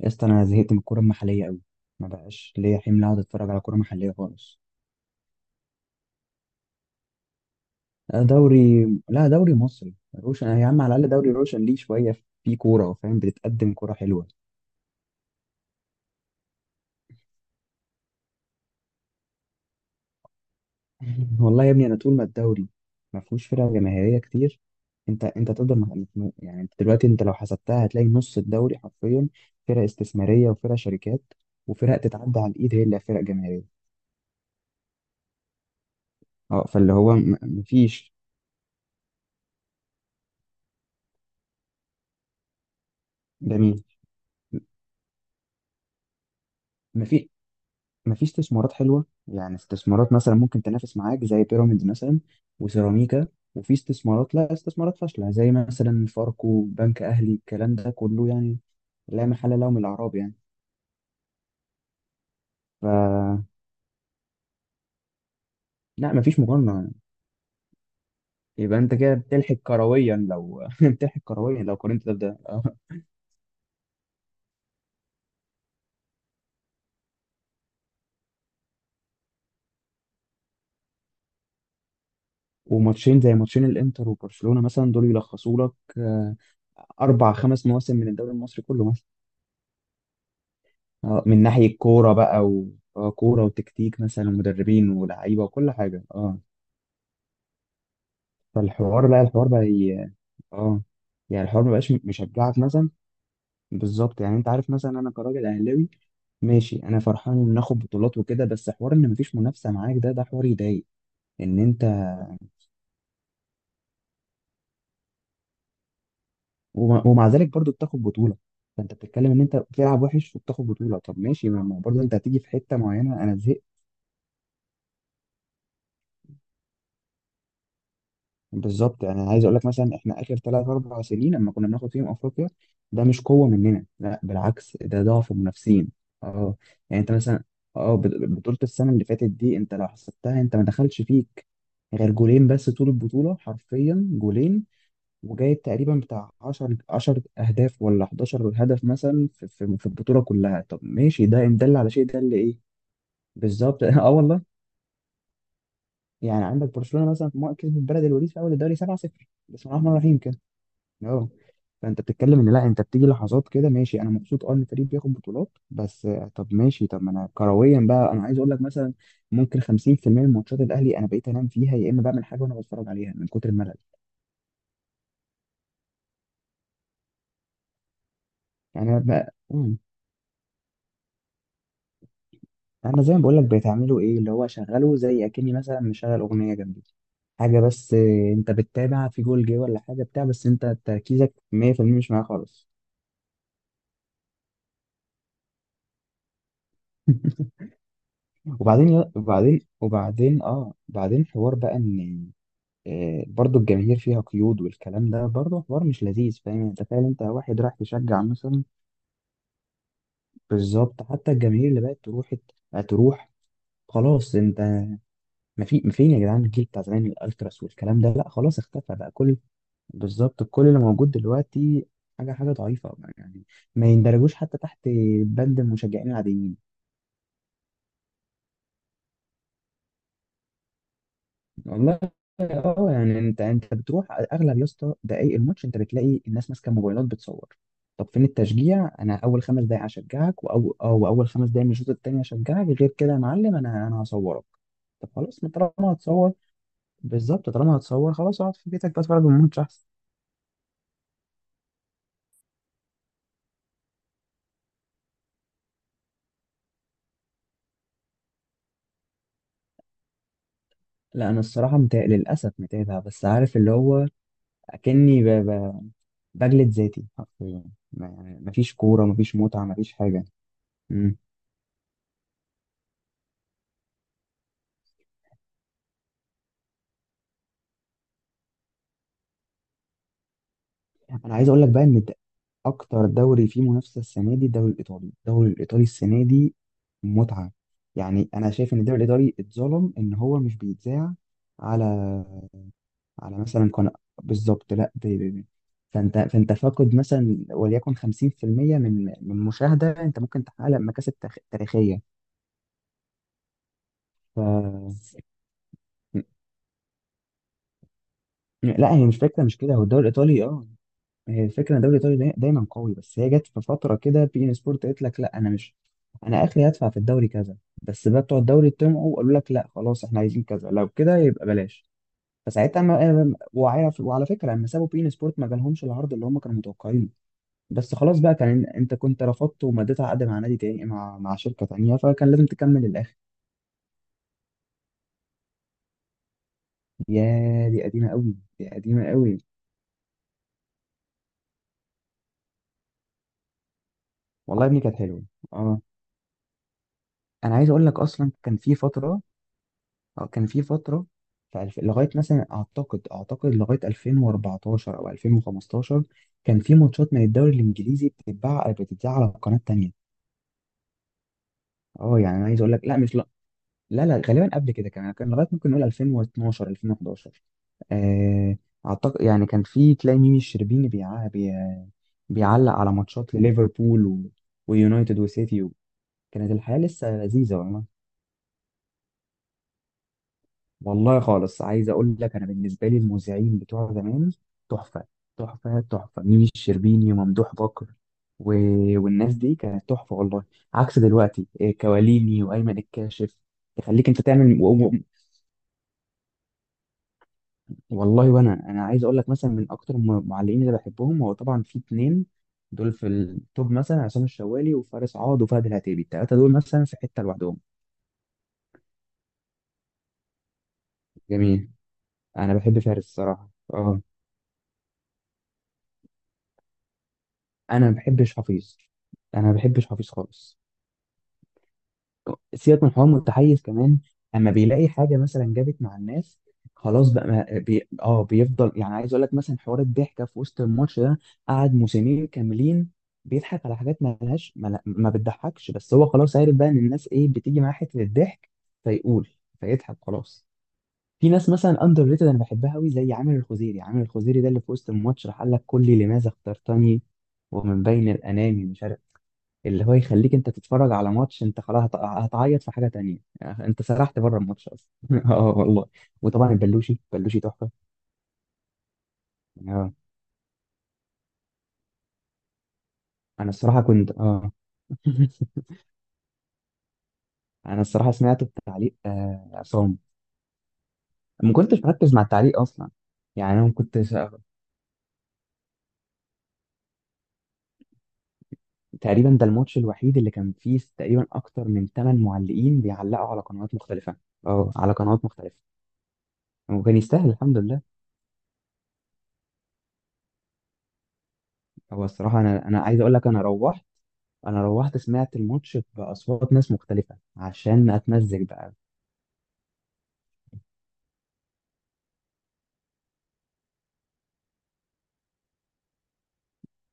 يا اسطى، انا زهقت من الكوره المحليه قوي. ما بقاش ليا حمل اقعد اتفرج على كوره محليه خالص. لا، دوري، لا دوري مصري روشن، يا عم، على الاقل دوري روشن ليه شويه. في كوره، فاهم، بتتقدم، كوره حلوه. والله يا ابني، انا طول ما الدوري ما فيهوش فرق جماهيريه كتير. انت تفضل مخنوق، يعني انت دلوقتي، انت لو حسبتها هتلاقي نص الدوري حرفيا فرق استثماريه وفرق شركات، وفرق تتعدى على الايد هي اللي فرق جماهيريه. اه، فاللي هو مفيش. جميل. مفيش مفيش استثمارات حلوه، يعني استثمارات مثلا ممكن تنافس معاك زي بيراميدز مثلا، وسيراميكا. وفي استثمارات، لا، استثمارات فاشله زي مثلا فاركو، بنك اهلي، الكلام ده كله يعني لا محل له من الاعراب، يعني. ف لا، مفيش مقارنه. يبقى انت كده بتلحق كرويا لو بتلحق كرويا لو قارنت ده بده. آه. وماتشين زي ماتشين الانتر وبرشلونه مثلا، دول يلخصوا لك اربع خمس مواسم من الدوري المصري كله. من ناحية كورة بقى. كورة وتكتيك مثلا ومدربين ولاعيبة وكل حاجة، اه. فالحوار لا الحوار بقى. اه، يعني الحوار مبقاش مشجعك مثلا. بالظبط، يعني انت عارف مثلا، انا كراجل اهلاوي، ماشي، انا فرحان ان ناخد بطولات وكده، بس حوار ان مفيش منافسة معاك ده حوار يضايق ان انت. ومع ذلك برضو بتاخد بطولة. فانت بتتكلم ان انت بتلعب وحش وبتاخد بطولة، طب ماشي، ما برضو انت هتيجي في حتة معينة، انا زهقت. بالظبط، يعني عايز اقول لك مثلا، احنا اخر ثلاث اربع سنين لما كنا بناخد فيهم افريقيا، ده مش قوه مننا، لا بالعكس، ده ضعف المنافسين. اه، يعني انت مثلا بطوله السنه اللي فاتت دي، انت لو حسبتها انت ما دخلش فيك غير جولين، بس طول البطوله حرفيا جولين، وجايب تقريبا بتاع 10 10 اهداف ولا 11 هدف مثلا في في البطوله كلها. طب ماشي، ده ان دل على شيء ده اللي ايه. بالظبط. اه والله، يعني عندك برشلونه مثلا في مرة كسبت بلد الوليد في اول الدوري 7-0. بسم الله الرحمن الرحيم. اه، فانت بتتكلم ان لا، انت بتيجي لحظات كده، ماشي انا مبسوط ان الفريق بياخد بطولات، بس طب ماشي، طب ما انا كرويا بقى، انا عايز اقول لك مثلا، ممكن 50% من ماتشات الاهلي انا بقيت انام فيها، يا اما بعمل حاجه وانا بتفرج عليها من كتر الملل. يعني انا بقى. انا زي ما بقول لك، بتعملوا ايه اللي هو شغله، زي اكني مثلا مشغل اغنيه جنبي حاجه، بس انت بتتابع في جول جه ولا حاجه بتاع، بس انت تركيزك 100% مش معايا خالص. وبعدين وبعدين وبعدين اه بعدين حوار بقى ان برضو الجماهير فيها قيود والكلام ده برضو حوار مش لذيذ، فاهم؟ يعني تخيل انت واحد راح تشجع مثلا. بالظبط، حتى الجماهير اللي بقت تروح خلاص. انت ما فين يا جدعان الجيل بتاع زمان، الالتراس والكلام ده، لا خلاص اختفى بقى كل. بالظبط، كل اللي موجود دلوقتي حاجه حاجه ضعيفه، يعني ما يندرجوش حتى تحت بند المشجعين العاديين. والله. اه، يعني انت بتروح، اغلب يا اسطى دقايق الماتش انت بتلاقي الناس ماسكه موبايلات بتصور. طب فين التشجيع؟ انا اول 5 دقايق هشجعك، واو او اول 5 دقايق من الشوط التاني هشجعك، غير كده يا معلم انا هصورك. طب خلاص، ما طالما هتصور. بالظبط، طالما هتصور خلاص اقعد في بيتك بقى، اتفرج على الماتش احسن. لا، انا الصراحه للاسف متابع، بس عارف اللي هو اكني بجلد ذاتي حرفيا. يعني مفيش كوره، مفيش متعه، مفيش حاجه. يعني انا عايز اقول لك بقى ان ده اكتر دوري فيه منافسه السنه دي، الدوري الايطالي. الدوري الايطالي السنه دي متعه. يعني انا شايف ان الدوري الايطالي اتظلم ان هو مش بيتذاع على على مثلا قناه. بالظبط، لا فانت فاقد مثلا وليكن 50% من مشاهده، انت ممكن تحقق لك مكاسب تاريخيه. ف لا، هي مش فكره، مش كده، هو الدوري الايطالي. اه هي الفكره ان الدوري الايطالي دايما قوي، بس هي جت في فتره كده بي ان سبورت قالت لك لا، انا مش انا اخري هدفع في الدوري كذا، بس بقى بتوع الدوري طمعوا وقالوا لك لا خلاص، احنا عايزين كذا، لو كده يبقى بلاش. فساعتها ما... آه، وعلى... وعلى فكره، لما سابوا بي ان سبورت ما جالهمش العرض اللي هم كانوا متوقعينه. بس خلاص بقى، كان انت كنت رفضت ومضيت عقد مع نادي تاني، مع شركه تانيه، فكان لازم تكمل للاخر. يا دي قديمه قوي، دي قديمه قوي. والله يا ابني كانت حلوه، اه. انا عايز اقول لك اصلا كان في فترة، لغاية مثلا، أعتقد لغاية 2014 أو 2015 كان في ماتشات من الدوري الإنجليزي بتتذاع على قناة تانية. اه، يعني أنا عايز أقول لك لا، مش لا، لا غالبا قبل كده كمان كان لغاية ممكن نقول 2012 2011. آه، أعتقد، يعني كان في، تلاقي ميمي الشربيني بيعلق على ماتشات لليفربول، و... ويونايتد وسيتي. و... كانت الحياة لسه لذيذة والله. والله خالص عايز اقول لك، انا بالنسبه لي المذيعين بتوع زمان تحفه تحفه تحفه، ميمي الشربيني وممدوح بكر، و... والناس دي كانت تحفه والله، عكس دلوقتي، كواليني وايمن الكاشف، يخليك انت تعمل. و... و... والله، وانا عايز اقول لك مثلا من اكتر المعلقين اللي بحبهم، هو طبعا في اتنين دول في التوب، مثلا عصام الشوالي وفارس عوض وفهد العتيبي، التلاته دول مثلا في حته لوحدهم. جميل. انا بحب فارس، الصراحه، اه. انا ما بحبش حفيظ، انا ما بحبش حفيظ خالص. سيبك من حوار متحيز كمان، اما بيلاقي حاجه مثلا جابت مع الناس خلاص بقى، ما بي... اه بيفضل، يعني عايز اقول لك مثلا، حوار الضحكه في وسط الماتش ده قعد موسمين كاملين بيضحك على حاجات ما لهاش، ما بتضحكش، بس هو خلاص عارف بقى ان الناس ايه بتيجي معاه حته الضحك، فيقول فيضحك خلاص. في ناس مثلا اندر ريتد انا بحبها قوي، زي عامر الخزيري. عامر الخزيري ده اللي في وسط الماتش راح قال لك كلي لماذا اخترتني، ومن بين الانامي مش عارف، اللي هو يخليك انت تتفرج على ماتش، انت خلاص هتعيط في حاجه تانية، يعني انت سرحت بره الماتش اصلا. اه والله. وطبعا البلوشي، بلوشي تحفه. اه، انا الصراحه كنت اه انا الصراحه سمعت التعليق عصام، ما كنتش مركز مع التعليق اصلا. يعني انا ما كنتش، تقريبا ده الماتش الوحيد اللي كان فيه تقريبا اكتر من 8 معلقين بيعلقوا على قنوات مختلفه. اه، على قنوات مختلفه، وكان يستاهل الحمد لله. هو الصراحة، أنا عايز أقول لك، أنا روحت سمعت الماتش بأصوات ناس مختلفة عشان أتمزج بقى.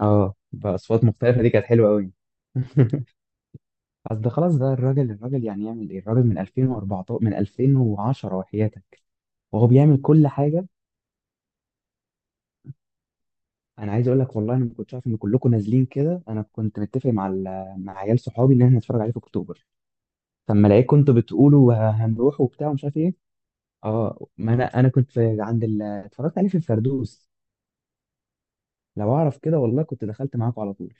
أه، بأصوات مختلفة دي كانت حلوة أوي. أصل خلاص بقى، الراجل الراجل يعني يعمل إيه الراجل، من 2014 من 2010 وحياتك وهو بيعمل كل حاجة. أنا عايز أقول لك والله، أنا ما كنتش عارف إن كلكم نازلين كده، أنا كنت متفق مع مع عيال صحابي إن إحنا نتفرج عليه في أكتوبر، فلما لقيت كنتوا بتقولوا هنروح وبتاع ومش عارف إيه. أه، ما أنا كنت في اتفرجت عليه في الفردوس. لو اعرف كده والله كنت دخلت معاكم على طول.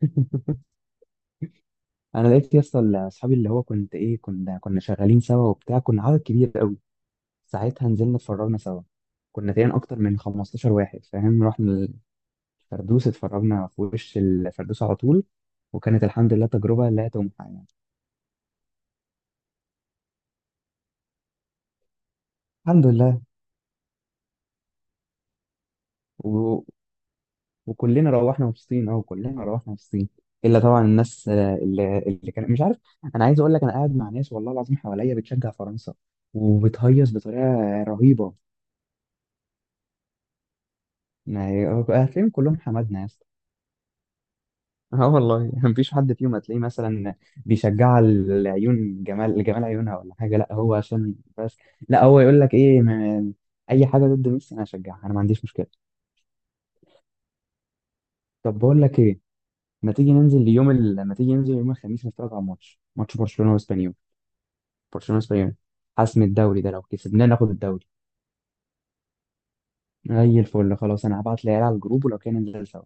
انا لقيت يا اسطى اصحابي، اللي هو كنت ايه كنا كنا شغالين سوا وبتاع، كنا عدد كبير قوي، ساعتها نزلنا اتفرجنا سوا، كنا تقريبا اكتر من 15 واحد فاهم، رحنا الفردوس، اتفرجنا في وش الفردوس على طول، وكانت الحمد لله تجربه لا تمحى، يعني. الحمد لله، و... وكلنا روحنا مبسوطين، اه، كلنا روحنا مبسوطين. الا طبعا الناس، اللي كان مش عارف. انا عايز اقول لك انا قاعد مع ناس والله العظيم حواليا بتشجع فرنسا، وبتهيص بطريقه رهيبه، يعني هتلاقيهم كلهم حمادنا يا اسطى، اه والله. مفيش حد فيهم هتلاقيه مثلا بيشجع العيون، جمال جمال عيونها ولا حاجه، لا هو عشان بس. لا، هو يقول لك ايه، اي حاجه ضد ميسي انا هشجعها، انا ما عنديش مشكله. طب بقول لك ايه، ما تيجي ننزل اليوم ال... ما تيجي ننزل يوم الخميس نتفرج على ماتش برشلونه واسبانيول. برشلونه وسبانيول، حسم الدوري، ده لو كسبناه ناخد الدوري، زي الفل. خلاص، انا هبعت العيال على الجروب، ولو كان ننزل سوا.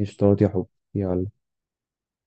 قشطات يا حب، يلا.